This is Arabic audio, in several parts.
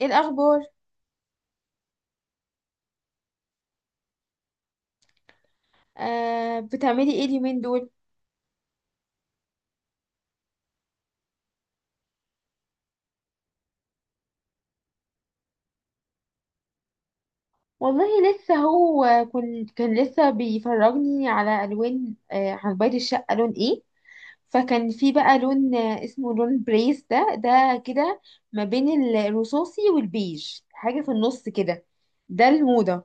ايه الاخبار؟ آه، بتعملي ايه اليومين دول؟ والله لسه هو كان لسه بيفرجني على الوان عن بيت الشقه لون ايه؟ فكان في بقى لون اسمه لون بريس ده كده، ما بين الرصاصي والبيج، حاجه في النص كده. ده الموضه.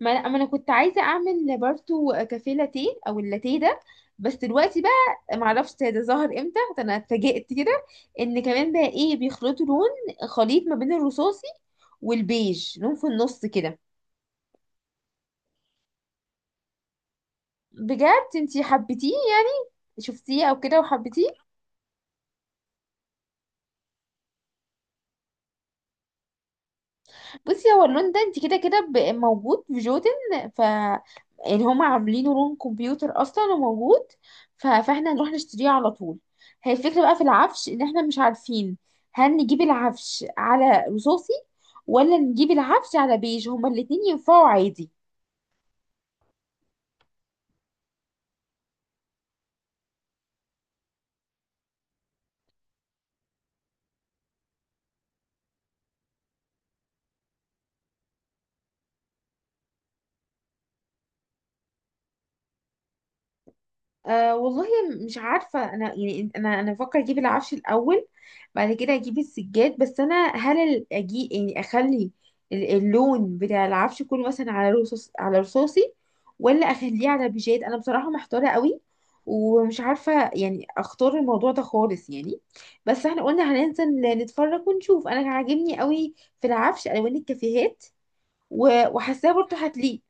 ما أنا كنت عايزه اعمل برضو كافيه لاتيه او اللاتيه ده. بس دلوقتي بقى معرفش ده ظهر امتى، ده انا اتفاجئت كده ان كمان بقى ايه، بيخلطوا لون، خليط ما بين الرصاصي والبيج، لون في النص كده. بجد؟ انتي حبيتيه يعني؟ شفتيه او كده وحبيتيه؟ بصي، هو اللون ده انت كده كده موجود في جوتن، ف يعني هما عاملينه لون كمبيوتر اصلا وموجود، فاحنا هنروح نشتريه على طول. هي الفكرة بقى في العفش ان احنا مش عارفين هل نجيب العفش على رصاصي، ولا نجيب العفش على بيج؟ هما الاتنين ينفعوا عادي. أه والله، مش عارفة. أنا يعني أنا بفكر أجيب العفش الأول، بعد كده أجيب السجاد. بس أنا هل أجي يعني أخلي اللون بتاع العفش كله مثلا على على رصاصي، ولا أخليه على بيجات؟ أنا بصراحة محتارة قوي، ومش عارفة يعني أختار الموضوع ده خالص يعني. بس احنا قلنا هننزل نتفرج ونشوف. أنا عاجبني قوي في العفش ألوان الكافيهات، وحاساه برضه هتليق.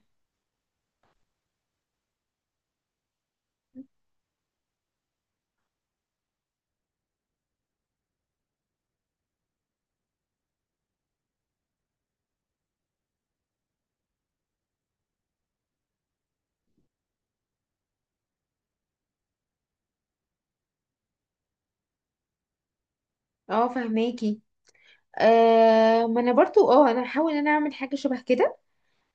اه، فهماكي. ما انا برضو انا هحاول ان انا اعمل حاجه شبه كده.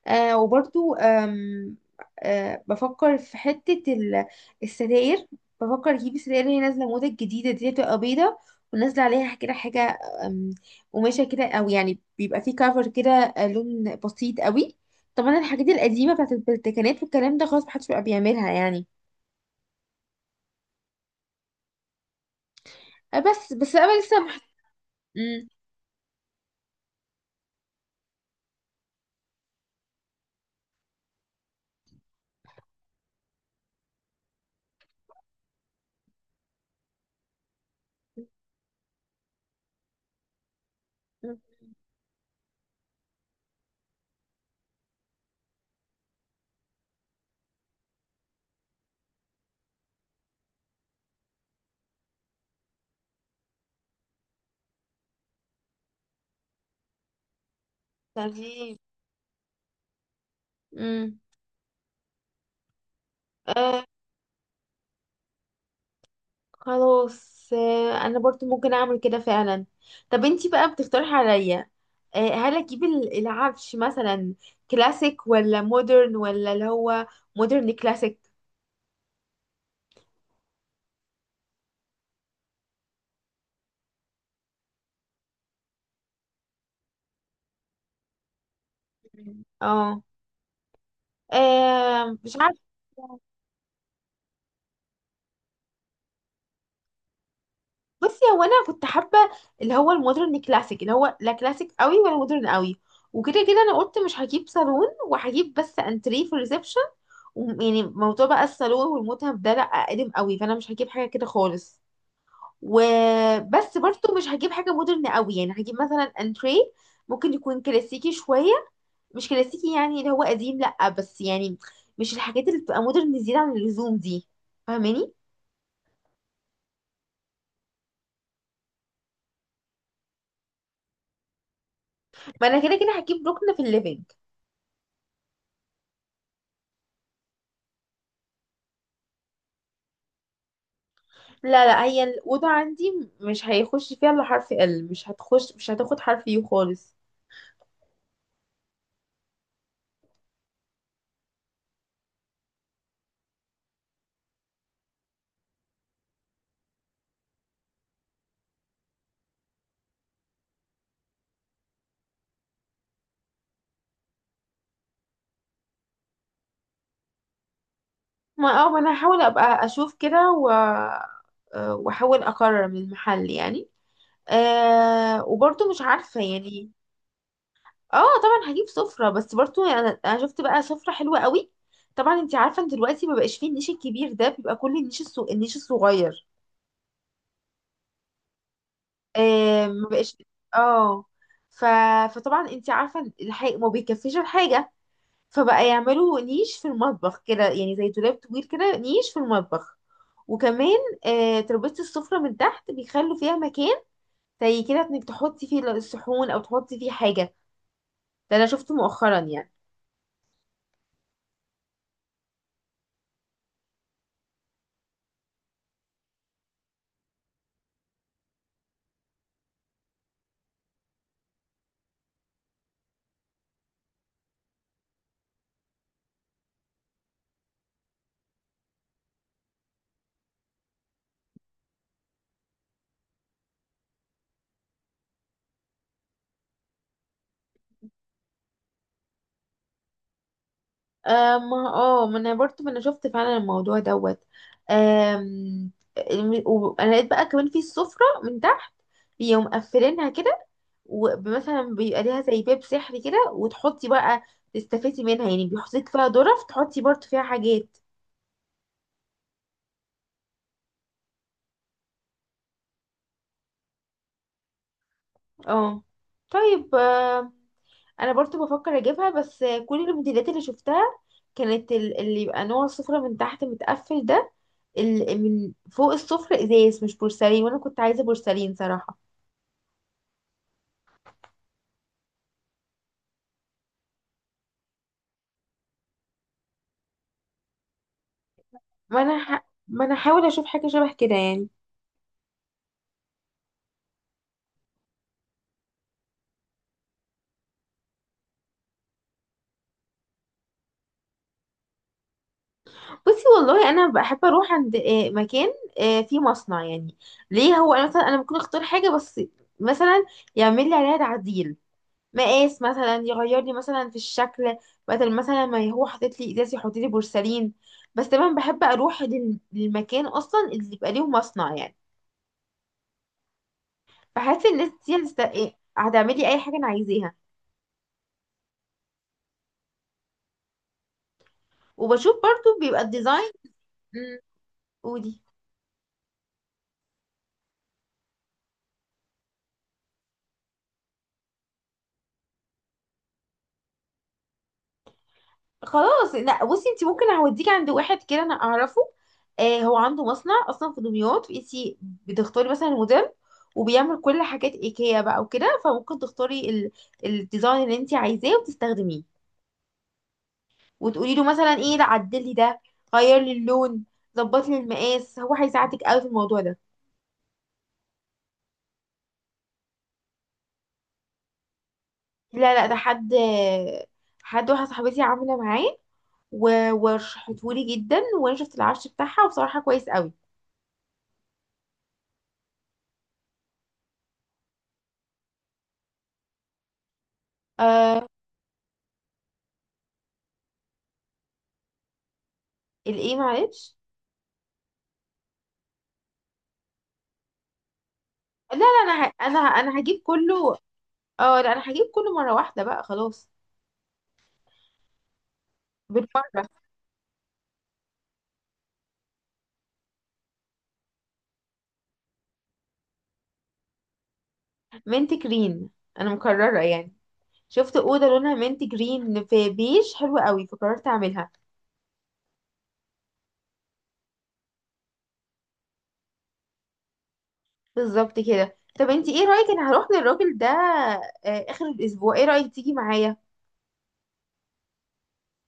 وبرضو، آم آه بفكر في حته الستاير. بفكر اجيب الستاير، اللي هي نازله موضه الجديده دي، بتبقى بيضه ونازله عليها كده حاجه، آم، قماشه كده، او يعني بيبقى فيه كفر كده، لون بسيط قوي. طبعا الحاجات القديمه بتاعت البلتكنات والكلام ده، خلاص محدش بقى بيعملها يعني. بس انا لسه مم. تمام. مم. آه، خلاص، انا برضو ممكن اعمل كده فعلا. طب انتي بقى بتقترحي عليا، هل اجيب العفش مثلا كلاسيك ولا مودرن، ولا اللي هو مودرن كلاسيك؟ مم. اه. مش عارفه. بصي، هو انا كنت حابه اللي هو المودرن كلاسيك، اللي هو لا كلاسيك قوي ولا مودرن قوي. وكده كده انا قلت مش هجيب صالون، وهجيب بس انتريه في الريسبشن، يعني موضوع بقى الصالون والمتهم ده لا قديم قوي، فانا مش هجيب حاجه كده خالص. وبس برضو مش هجيب حاجة مودرن قوي، يعني هجيب مثلا انتريه ممكن يكون كلاسيكي شوية، مش كلاسيكي يعني اللي هو قديم، لأ، بس يعني مش الحاجات اللي بتبقى مودرن زيادة عن اللزوم دي. فاهماني؟ ما انا كده كده هجيب ركن في الليفينج. لا، لا، هي الأوضة عندي مش هيخش فيها الا حرف ال، مش هتاخد حرف يو خالص. ما انا هحاول ابقى اشوف كده، واحاول اقرر من المحل يعني. وبرضه مش عارفة يعني. اه طبعا هجيب سفرة، بس برضو يعني انا شفت بقى سفرة حلوة قوي. طبعا انت عارفة ان دلوقتي ما بقاش فيه النيش الكبير ده، بيبقى كل النيش الصغير. ما بقاش. اه. ف... فطبعا انت عارفة ما بيكفيش الحاجة، فبقى يعملوا نيش في المطبخ كده، يعني زي دولاب طويل كده، نيش في المطبخ. وكمان، تربيزة السفرة من تحت بيخلوا فيها مكان، زي كده انك تحطي فيه الصحون او تحطي فيه حاجة. ده انا شفته مؤخرا يعني. آه ما اه ما انا برضه ما انا شفت فعلا الموضوع دوت. آم، انا لقيت بقى كمان في السفرة من تحت، بيقوم مقفلينها كده، ومثلا بيبقى ليها زي باب سحري كده، وتحطي بقى، تستفيدي منها يعني، بيحطيك فيها ظرف تحطي برضه فيها حاجات. اه، طيب. انا برضه بفكر اجيبها، بس كل الموديلات اللي شفتها كانت اللي يبقى نوع السفرة من تحت متقفل ده، من فوق السفرة ازاز، مش بورسلين، وانا كنت عايزة بورسلين صراحة. ما انا هحاول اشوف حاجه شبه كده يعني. بصي، والله انا بحب اروح عند مكان، فيه مصنع يعني. ليه؟ هو انا مثلا انا ممكن اختار حاجه، بس مثلا يعمل لي عليها تعديل، مقاس مثلا، يغير لي مثلا في الشكل، بدل مثلا ما هو حاطط لي ازاز يحط لي بورسلين. بس طبعا بحب اروح للمكان اصلا اللي يبقى ليه مصنع، يعني فحاسس الناس دي هتست- إيه، هتعمل لي اي حاجه انا عايزاها. وبشوف برضو بيبقى الديزاين. مم، قولي. خلاص، لا، بصي، انت ممكن اوديكي عند واحد كده انا اعرفه. هو عنده مصنع اصلا في دمياط. انت بتختاري مثلا الموديل، وبيعمل كل حاجات ايكيا بقى وكده، فممكن تختاري الديزاين اللي انت عايزاه وتستخدميه، وتقولي له مثلا ايه، لا عدلي ده، غير لي اللون، ظبط لي المقاس. هو هيساعدك قوي في الموضوع ده. لا، لا، ده حد واحده صاحبتي عامله معاه، ورشحتهولي جدا، وانا شفت العفش بتاعها وبصراحه كويس قوي. آه الايه؟ معلش. لا، لا، انا هجيب كله. اه لا، انا هجيب كله مره واحده بقى خلاص. بالمره. منت جرين. انا مكرره يعني، شفت اوضه لونها منت جرين في بيج حلوه قوي، فقررت اعملها. بالظبط كده. طب انت ايه رايك، انا هروح للراجل ده اخر الاسبوع، ايه رايك تيجي معايا،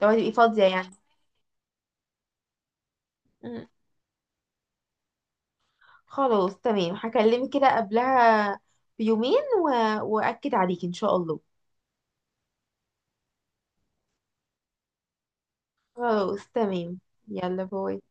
لو هتبقي فاضيه يعني؟ مم. خلاص تمام، هكلمك كده قبلها بيومين و... واكد عليك ان شاء الله. خلاص تمام. يلا، باي.